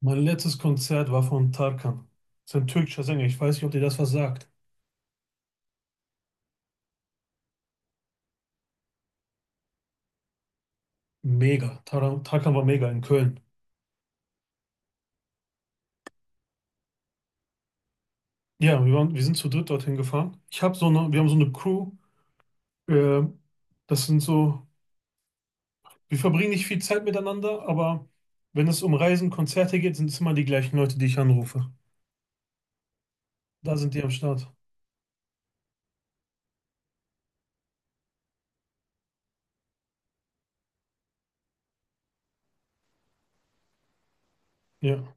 Mein letztes Konzert war von Tarkan. Das ist ein türkischer Sänger. Ich weiß nicht, ob dir das was sagt. Mega. Tarkan war mega in Köln. Ja, wir sind zu dritt dorthin gefahren. Ich habe so eine, wir haben so eine Crew. Äh, das sind so, wir verbringen nicht viel Zeit miteinander, aber wenn es um Reisen, Konzerte geht, sind es immer die gleichen Leute, die ich anrufe. Da sind die am Start. Ja.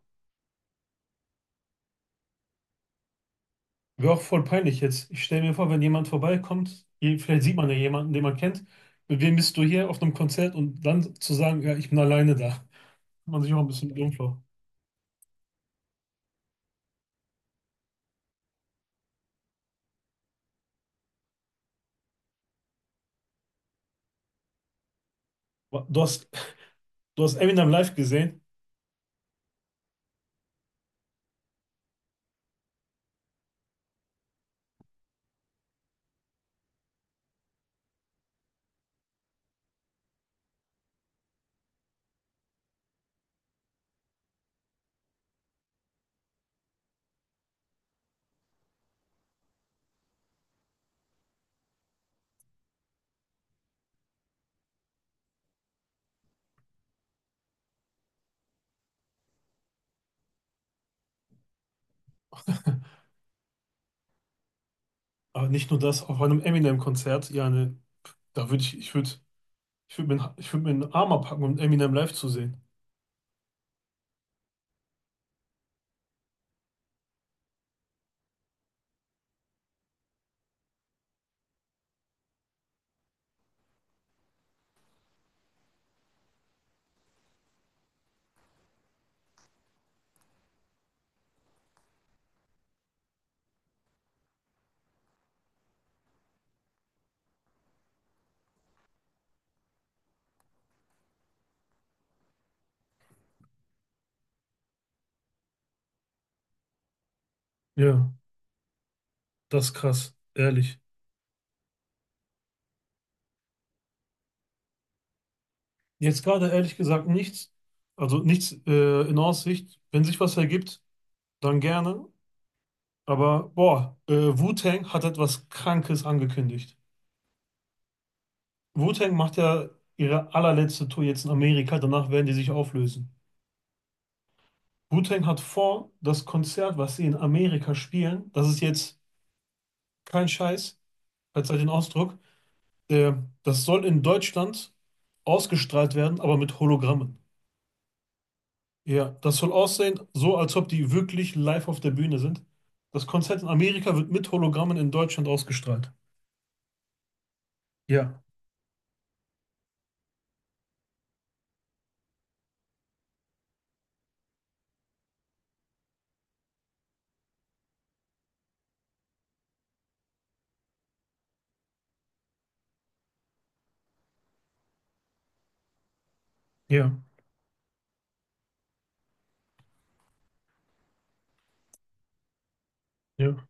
Wäre auch voll peinlich jetzt. Ich stelle mir vor, wenn jemand vorbeikommt, vielleicht sieht man ja jemanden, den man kennt. Mit wem bist du hier auf einem Konzert und dann zu sagen, ja, ich bin alleine da. Man sich auch ein bisschen dumm vor. Du hast, du hast Eminem live gesehen, aber nicht nur das, auf einem Eminem-Konzert, ja, ne, da würde ich, ich würde, ich würde mir einen Arm abhacken, um Eminem live zu sehen. Ja, das ist krass, ehrlich. Jetzt gerade ehrlich gesagt nichts, also nichts in Aussicht. Wenn sich was ergibt, dann gerne. Aber boah, Wu-Tang hat etwas Krankes angekündigt. Wu-Tang macht ja ihre allerletzte Tour jetzt in Amerika, danach werden die sich auflösen. Wu-Tang hat vor, das Konzert, was sie in Amerika spielen, das ist jetzt kein Scheiß, verzeiht den Ausdruck, der, das soll in Deutschland ausgestrahlt werden, aber mit Hologrammen. Ja, das soll aussehen, so als ob die wirklich live auf der Bühne sind. Das Konzert in Amerika wird mit Hologrammen in Deutschland ausgestrahlt. Ja, ja, ja.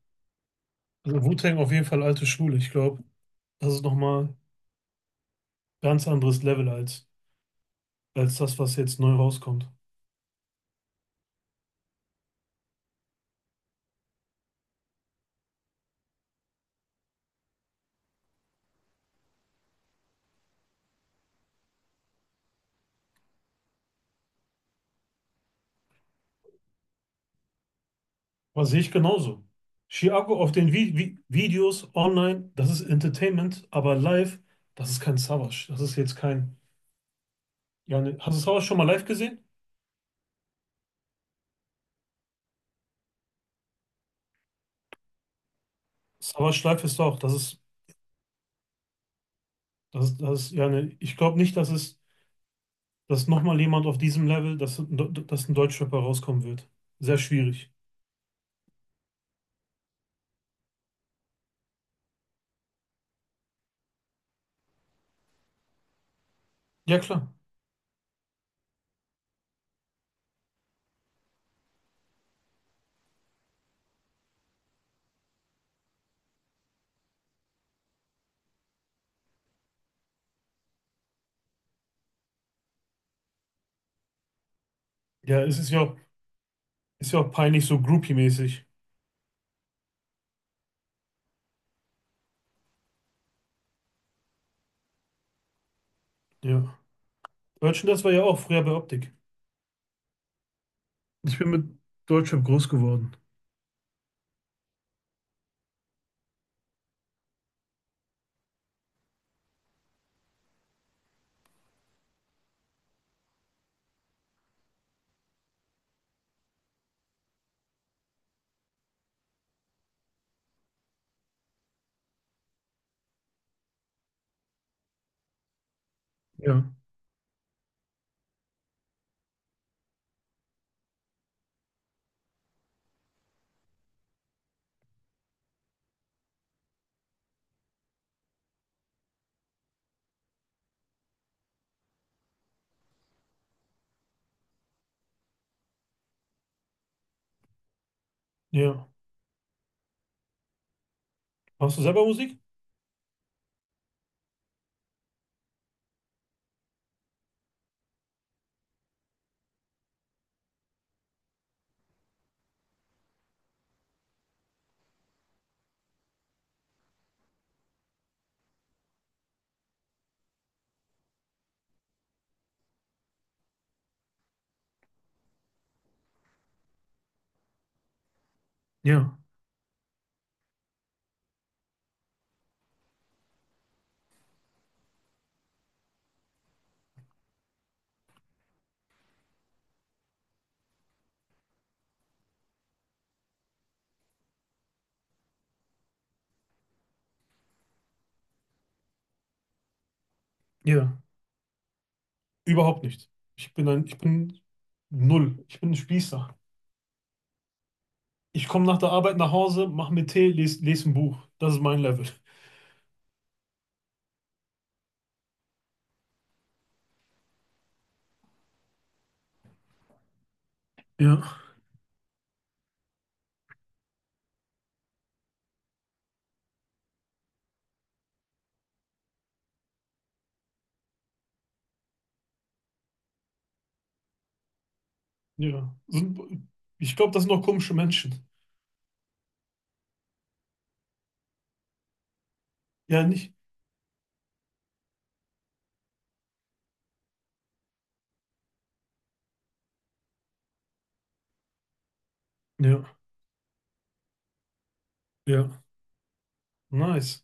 Also Wu-Tang auf jeden Fall alte Schule. Ich glaube, das ist nochmal ein ganz anderes Level als, als das, was jetzt neu rauskommt. Was sehe ich genauso. Chiago auf den Vi Vi Videos online, das ist Entertainment, aber live, das ist kein Savas. Das ist jetzt kein. Ja, ne, hast du Savas schon mal live gesehen? Savas live ist doch, das ist, ja, ne, ich glaube nicht, dass nochmal jemand auf diesem Level, dass ein Deutschrapper rauskommen wird. Sehr schwierig. Ja, klar. Ja, es ist ja auch peinlich, so Groupie-mäßig. Ja. Merchandise war ja auch früher bei Optik. Ich bin mit Deutschrap groß geworden. Ja. Ja. Machst du selber Musik? Ja. Ja, überhaupt nicht. Ich bin null. Ich bin ein Spießer. Ich komme nach der Arbeit nach Hause, mache mir Tee, lese les les ein Buch. Das ist mein Level. Ja, ja. Ich glaube, das sind noch komische Menschen. Ja, nicht? Ja, ja. Nice.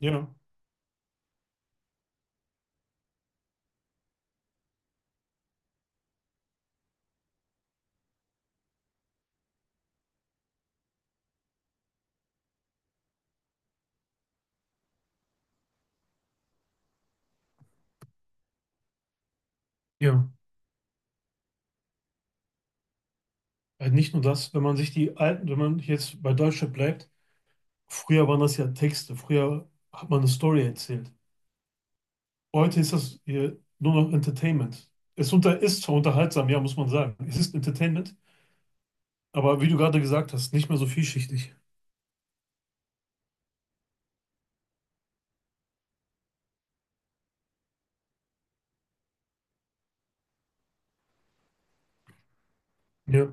Ja, ja. Nicht nur das, wenn man sich die alten, wenn man jetzt bei Deutschland bleibt, früher waren das ja Texte, früher hat man eine Story erzählt. Heute ist das nur noch Entertainment. Ist zwar unterhaltsam, ja, muss man sagen. Es ist Entertainment. Aber wie du gerade gesagt hast, nicht mehr so vielschichtig. Ja,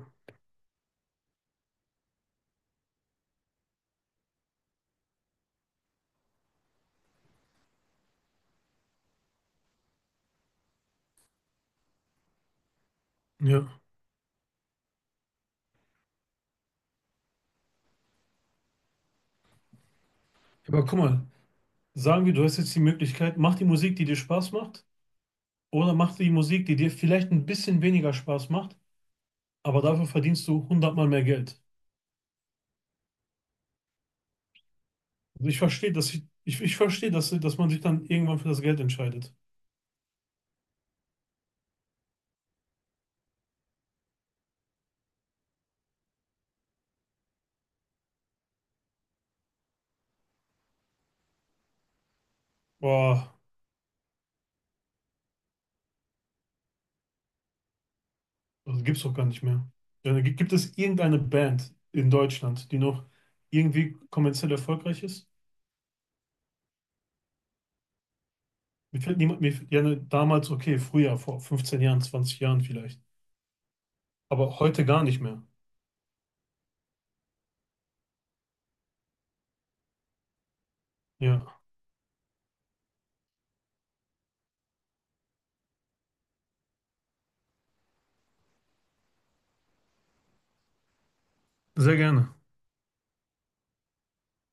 ja. Aber guck mal, sagen wir, du hast jetzt die Möglichkeit, mach die Musik, die dir Spaß macht, oder mach die Musik, die dir vielleicht ein bisschen weniger Spaß macht, aber dafür verdienst du 100-mal mehr Geld. Also ich verstehe, dass man sich dann irgendwann für das Geld entscheidet. Boah, das gibt's doch gar nicht mehr. Ja, gibt es irgendeine Band in Deutschland, die noch irgendwie kommerziell erfolgreich ist? Mir fällt niemand, mir, ja, ne, damals, okay, früher, vor 15 Jahren, 20 Jahren vielleicht. Aber heute gar nicht mehr. Ja, sehr gerne.